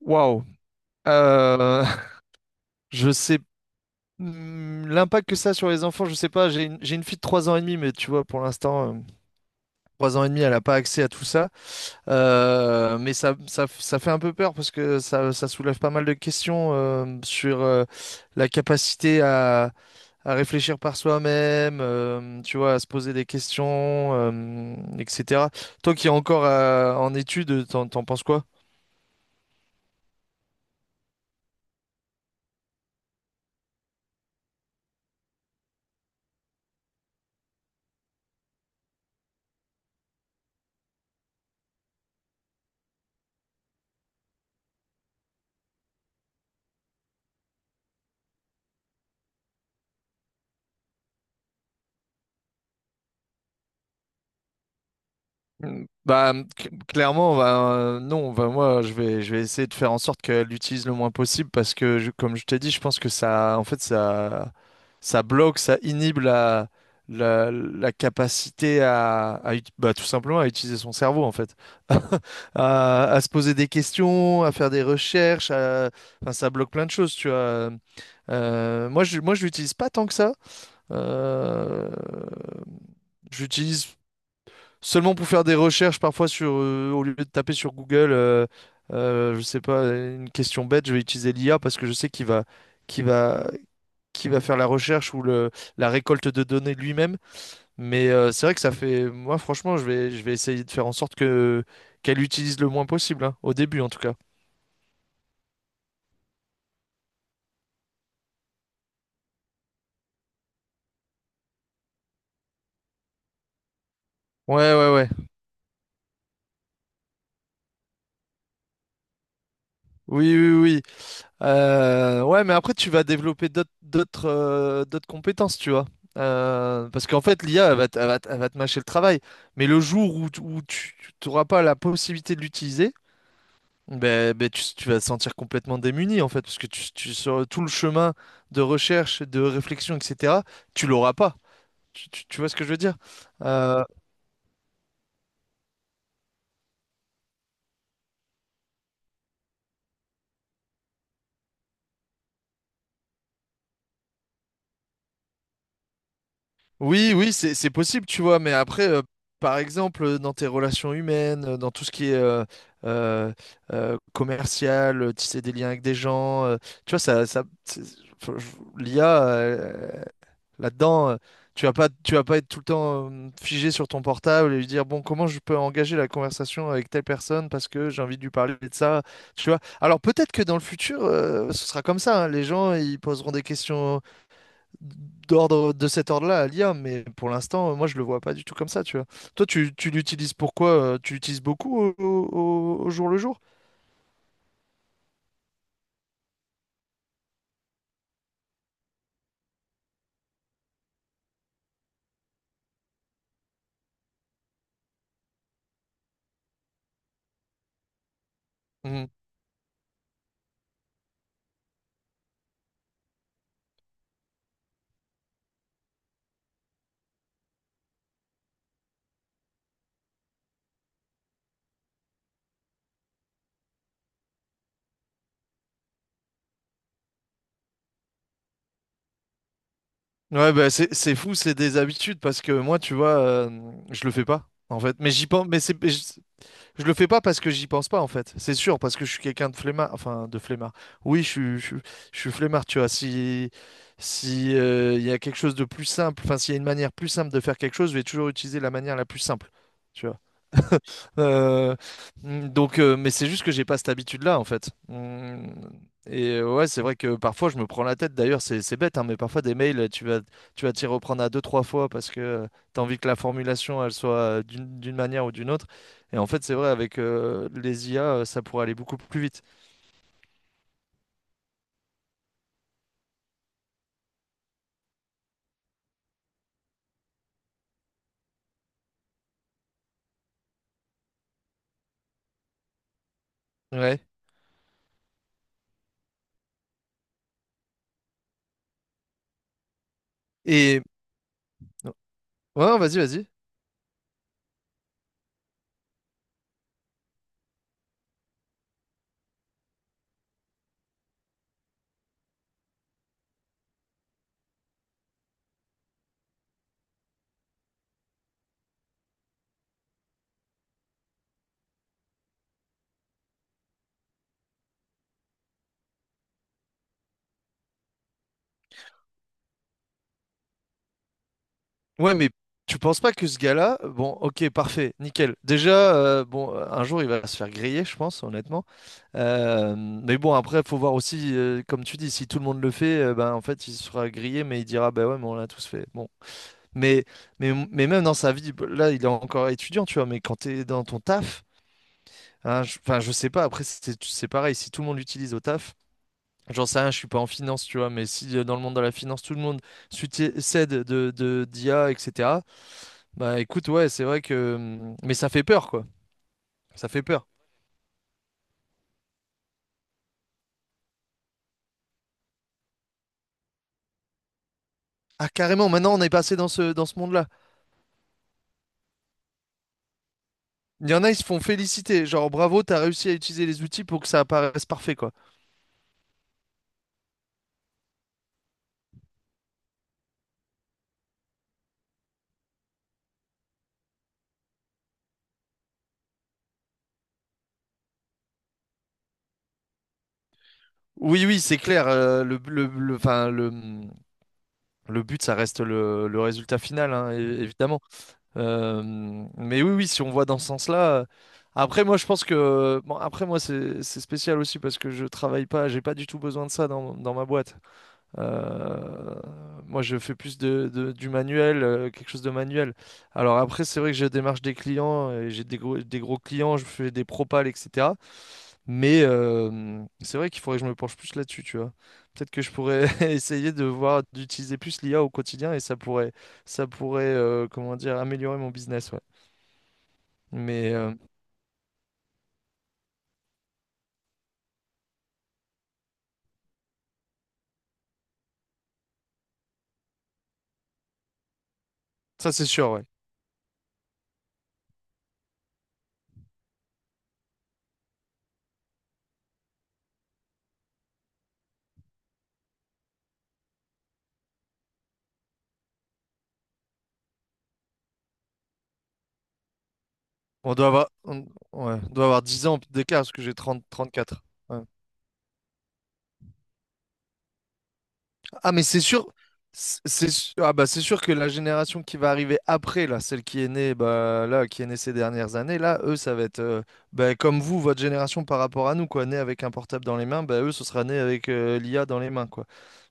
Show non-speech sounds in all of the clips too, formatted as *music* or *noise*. Waouh. Euh, *laughs* je sais l'impact que ça a sur les enfants, je sais pas. J'ai une fille de 3 ans et demi, mais tu vois, pour l'instant, 3 ans et demi, elle n'a pas accès à tout ça. Mais ça fait un peu peur parce que ça soulève pas mal de questions sur la capacité à réfléchir par soi-même, tu vois, à se poser des questions, etc. Toi qui es encore en études, t'en penses quoi? Mm. Bah, clairement, bah, non, bah, moi, je vais essayer de faire en sorte qu'elle l'utilise le moins possible parce que, comme je t'ai dit, je pense que ça, en fait, ça bloque, ça inhibe la capacité à, bah, tout simplement à utiliser son cerveau, en fait, *laughs* à se poser des questions, à faire des recherches, enfin, ça bloque plein de choses, tu vois. Moi, je l'utilise pas tant que ça. Euh, J'utilise seulement pour faire des recherches parfois sur, au lieu de taper sur Google, je sais pas, une question bête, je vais utiliser l'IA parce que je sais qu'il va, qu'il va, faire la recherche ou la récolte de données lui-même. Mais c'est vrai que ça fait, moi franchement, je vais essayer de faire en sorte que qu'elle utilise le moins possible, hein, au début en tout cas. Ouais, ouais, ouais. Oui, oui, oui. Ouais, mais après, tu vas développer d'autres compétences, tu vois. Parce qu'en fait, l'IA, elle va te mâcher le travail. Mais le jour où, où tu n'auras pas la possibilité de l'utiliser, ben, tu vas te sentir complètement démuni, en fait, parce que sur tout le chemin de recherche, de réflexion, etc., tu l'auras pas. Tu vois ce que je veux dire? Euh, Oui, oui, c'est possible, tu vois, mais après, par exemple, dans tes relations humaines, dans tout ce qui est euh, commercial, tisser des liens avec des gens, tu vois, ça, faut- je- l'IA, là-dedans, tu vas pas être tout le temps figé sur ton portable et lui dire, bon, comment je peux engager la conversation avec telle personne parce que j'ai envie de lui parler de ça, tu vois. Alors peut-être que dans le futur, ce sera comme ça, hein, les gens, ils poseront des questions d'ordre de cet ordre-là à l'IA, mais pour l'instant, moi, je le vois pas du tout comme ça, tu vois. Toi, tu l'utilises pourquoi? Tu l'utilises beaucoup au, au jour le jour? Mhm. Ouais, bah, c'est fou, c'est des habitudes parce que moi, tu vois, je le fais pas, en fait. Mais j'y pense, je le fais pas parce que j'y pense pas, en fait. C'est sûr, parce que je suis quelqu'un de flemmard, enfin, de flemmard. Oui, je suis flemmard, tu vois. Si, il y a quelque chose de plus simple, enfin, s'il y a une manière plus simple de faire quelque chose, je vais toujours utiliser la manière la plus simple, tu vois. Euh, donc, mais c'est juste que j'ai pas cette habitude-là, en fait. Et ouais, c'est vrai que parfois je me prends la tête. D'ailleurs, c'est bête, hein, mais parfois des mails, tu vas t'y reprendre à 2, 3 fois parce que tu as envie que la formulation, elle soit d'une manière ou d'une autre. Et en fait, c'est vrai, avec les IA, ça pourrait aller beaucoup plus vite. Ouais. Et ouais, vas-y, vas-y. Ouais, mais tu penses pas que ce gars-là, bon, ok, parfait, nickel. Déjà, bon, un jour il va se faire griller, je pense, honnêtement. Mais bon, après, faut voir aussi, comme tu dis, si tout le monde le fait, ben en fait, il sera grillé, mais il dira, ben ouais, mais on l'a tous fait. Bon, mais, mais même dans sa vie, là, il est encore étudiant, tu vois. Mais quand t'es dans ton taf, hein, enfin, je sais pas. Après, c'est pareil. Si tout le monde l'utilise au taf. J'en sais rien, je suis pas en finance, tu vois, mais si dans le monde de la finance, tout le monde s'aide d'IA, etc. Bah écoute, ouais, c'est vrai que. Mais ça fait peur, quoi. Ça fait peur. Ah, carrément, maintenant on est passé dans ce monde-là. Il y en a, ils se font féliciter. Genre, bravo, t'as réussi à utiliser les outils pour que ça apparaisse parfait, quoi. Oui, oui, c'est clair. Enfin, le but, ça reste le résultat final, hein, évidemment. Mais oui, oui, si on voit dans ce sens-là. Après, moi, je pense que. Bon, après, moi, c'est spécial aussi parce que je travaille pas, j'ai pas du tout besoin de ça dans, ma boîte. Euh, Moi, je fais plus du manuel, quelque chose de manuel. Alors après, c'est vrai que je démarche des clients, et j'ai des gros clients, je fais des propals, etc. Mais c'est vrai qu'il faudrait que je me penche plus là-dessus, tu vois. Peut-être que je pourrais *laughs* essayer de voir d'utiliser plus l'IA au quotidien et ça pourrait, comment dire, améliorer mon business, ouais. Mais ça, c'est sûr, ouais. On doit avoir, on, Ouais, on doit avoir 10 ans d'écart parce que j'ai 30, 34. Ouais. Ah, mais c'est sûr, c'est ah bah c'est sûr que la génération qui va arriver après, là, celle qui est née, bah, là, qui est née ces dernières années, là, eux, ça va être bah, comme vous, votre génération par rapport à nous, quoi, née avec un portable dans les mains, bah, eux, ce sera né avec l'IA dans les mains, quoi.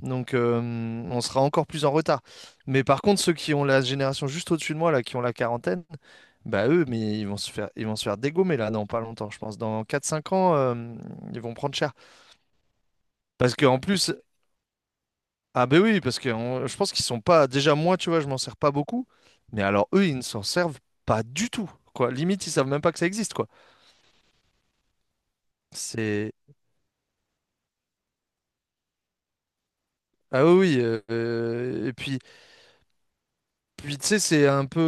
Donc, on sera encore plus en retard. Mais par contre, ceux qui ont la génération juste au-dessus de moi, là, qui ont la quarantaine, bah, eux, mais ils vont se faire dégommer, là, dans pas longtemps, je pense. Dans 4-5 ans, ils vont prendre cher. Parce qu'en plus, ah ben oui, parce que je pense qu'ils sont pas. Déjà moi, tu vois, je m'en sers pas beaucoup. Mais alors eux, ils ne s'en servent pas du tout. Quoi. Limite, ils savent même pas que ça existe, quoi. C'est. Ah oui, oui, et puis, tu sais, c'est un peu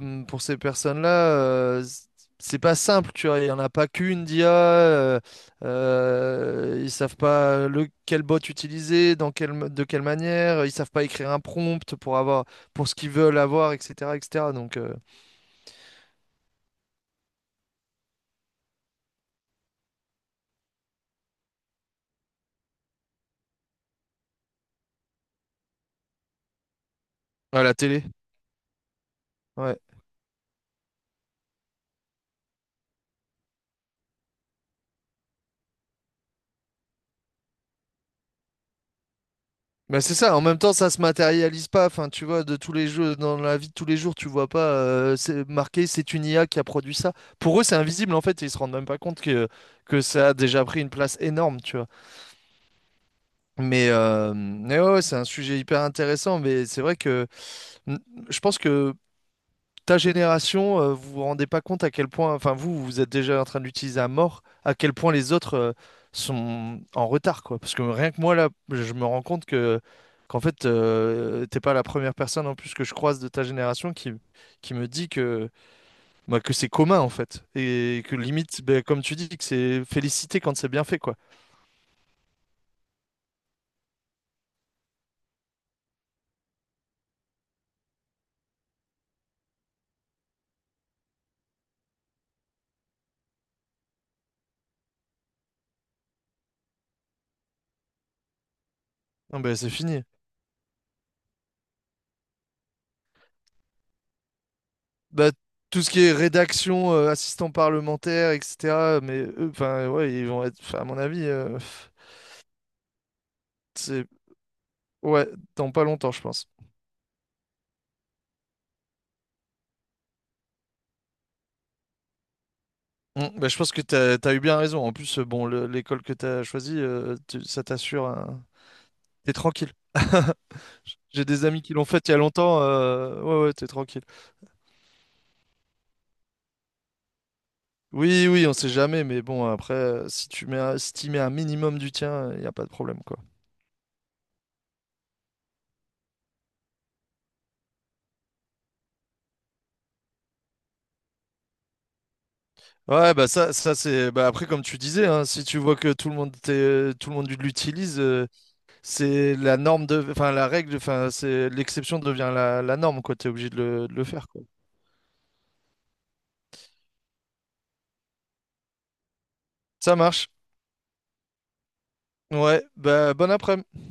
pour ces personnes-là, euh, c- c'est pas simple, tu vois. Il y en a pas qu'une d'IA. Ils savent pas le quel bot utiliser, dans quelle de quelle manière. Ils savent pas écrire un prompt pour ce qu'ils veulent avoir, etc., etc. Donc à la télé. Ouais. Bah c'est ça, en même temps ça se matérialise pas, enfin tu vois, de tous les jeux, dans la vie de tous les jours, tu vois pas c'est marqué c'est une IA qui a produit ça. Pour eux c'est invisible en fait, et ils se rendent même pas compte que, ça a déjà pris une place énorme, tu vois. Mais ouais, ouais, c'est un sujet hyper intéressant, mais c'est vrai que mm, je pense que ta génération, vous vous rendez pas compte à quel point, enfin vous, vous êtes déjà en train d'utiliser l'utiliser à mort, à quel point les autres sont en retard, quoi. Parce que rien que moi là, je me rends compte que qu'en fait, t'es pas la première personne en plus que je croise de ta génération qui me dit que bah, que c'est commun en fait et que limite, bah, comme tu dis, que c'est félicité quand c'est bien fait, quoi. Non, bah, c'est fini. Bah, tout ce qui est rédaction, assistant parlementaire, etc. Mais eux, enfin, ouais, ils vont être, 'fin, à mon avis. C'est- Ouais, dans pas longtemps, je pense. Bah, je pense que t'as eu bien raison. En plus, bon, l'école que t'as choisie, ça t'assure un... T'es tranquille. *laughs* J'ai des amis qui l'ont faite il y a longtemps. Ouais, ouais, t'es tranquille. Oui, oui, on sait jamais, mais bon, après, si t'y mets un minimum du tien, il n'y a pas de problème, quoi. Ouais, bah ça c'est. Bah après, comme tu disais, hein, si tu vois que tout le monde tout le monde l'utilise, c'est la norme de, enfin la règle, enfin c'est l'exception devient la norme, quoi. T'es obligé de le faire, quoi. Ça marche. Ouais, bah, bon après-midi.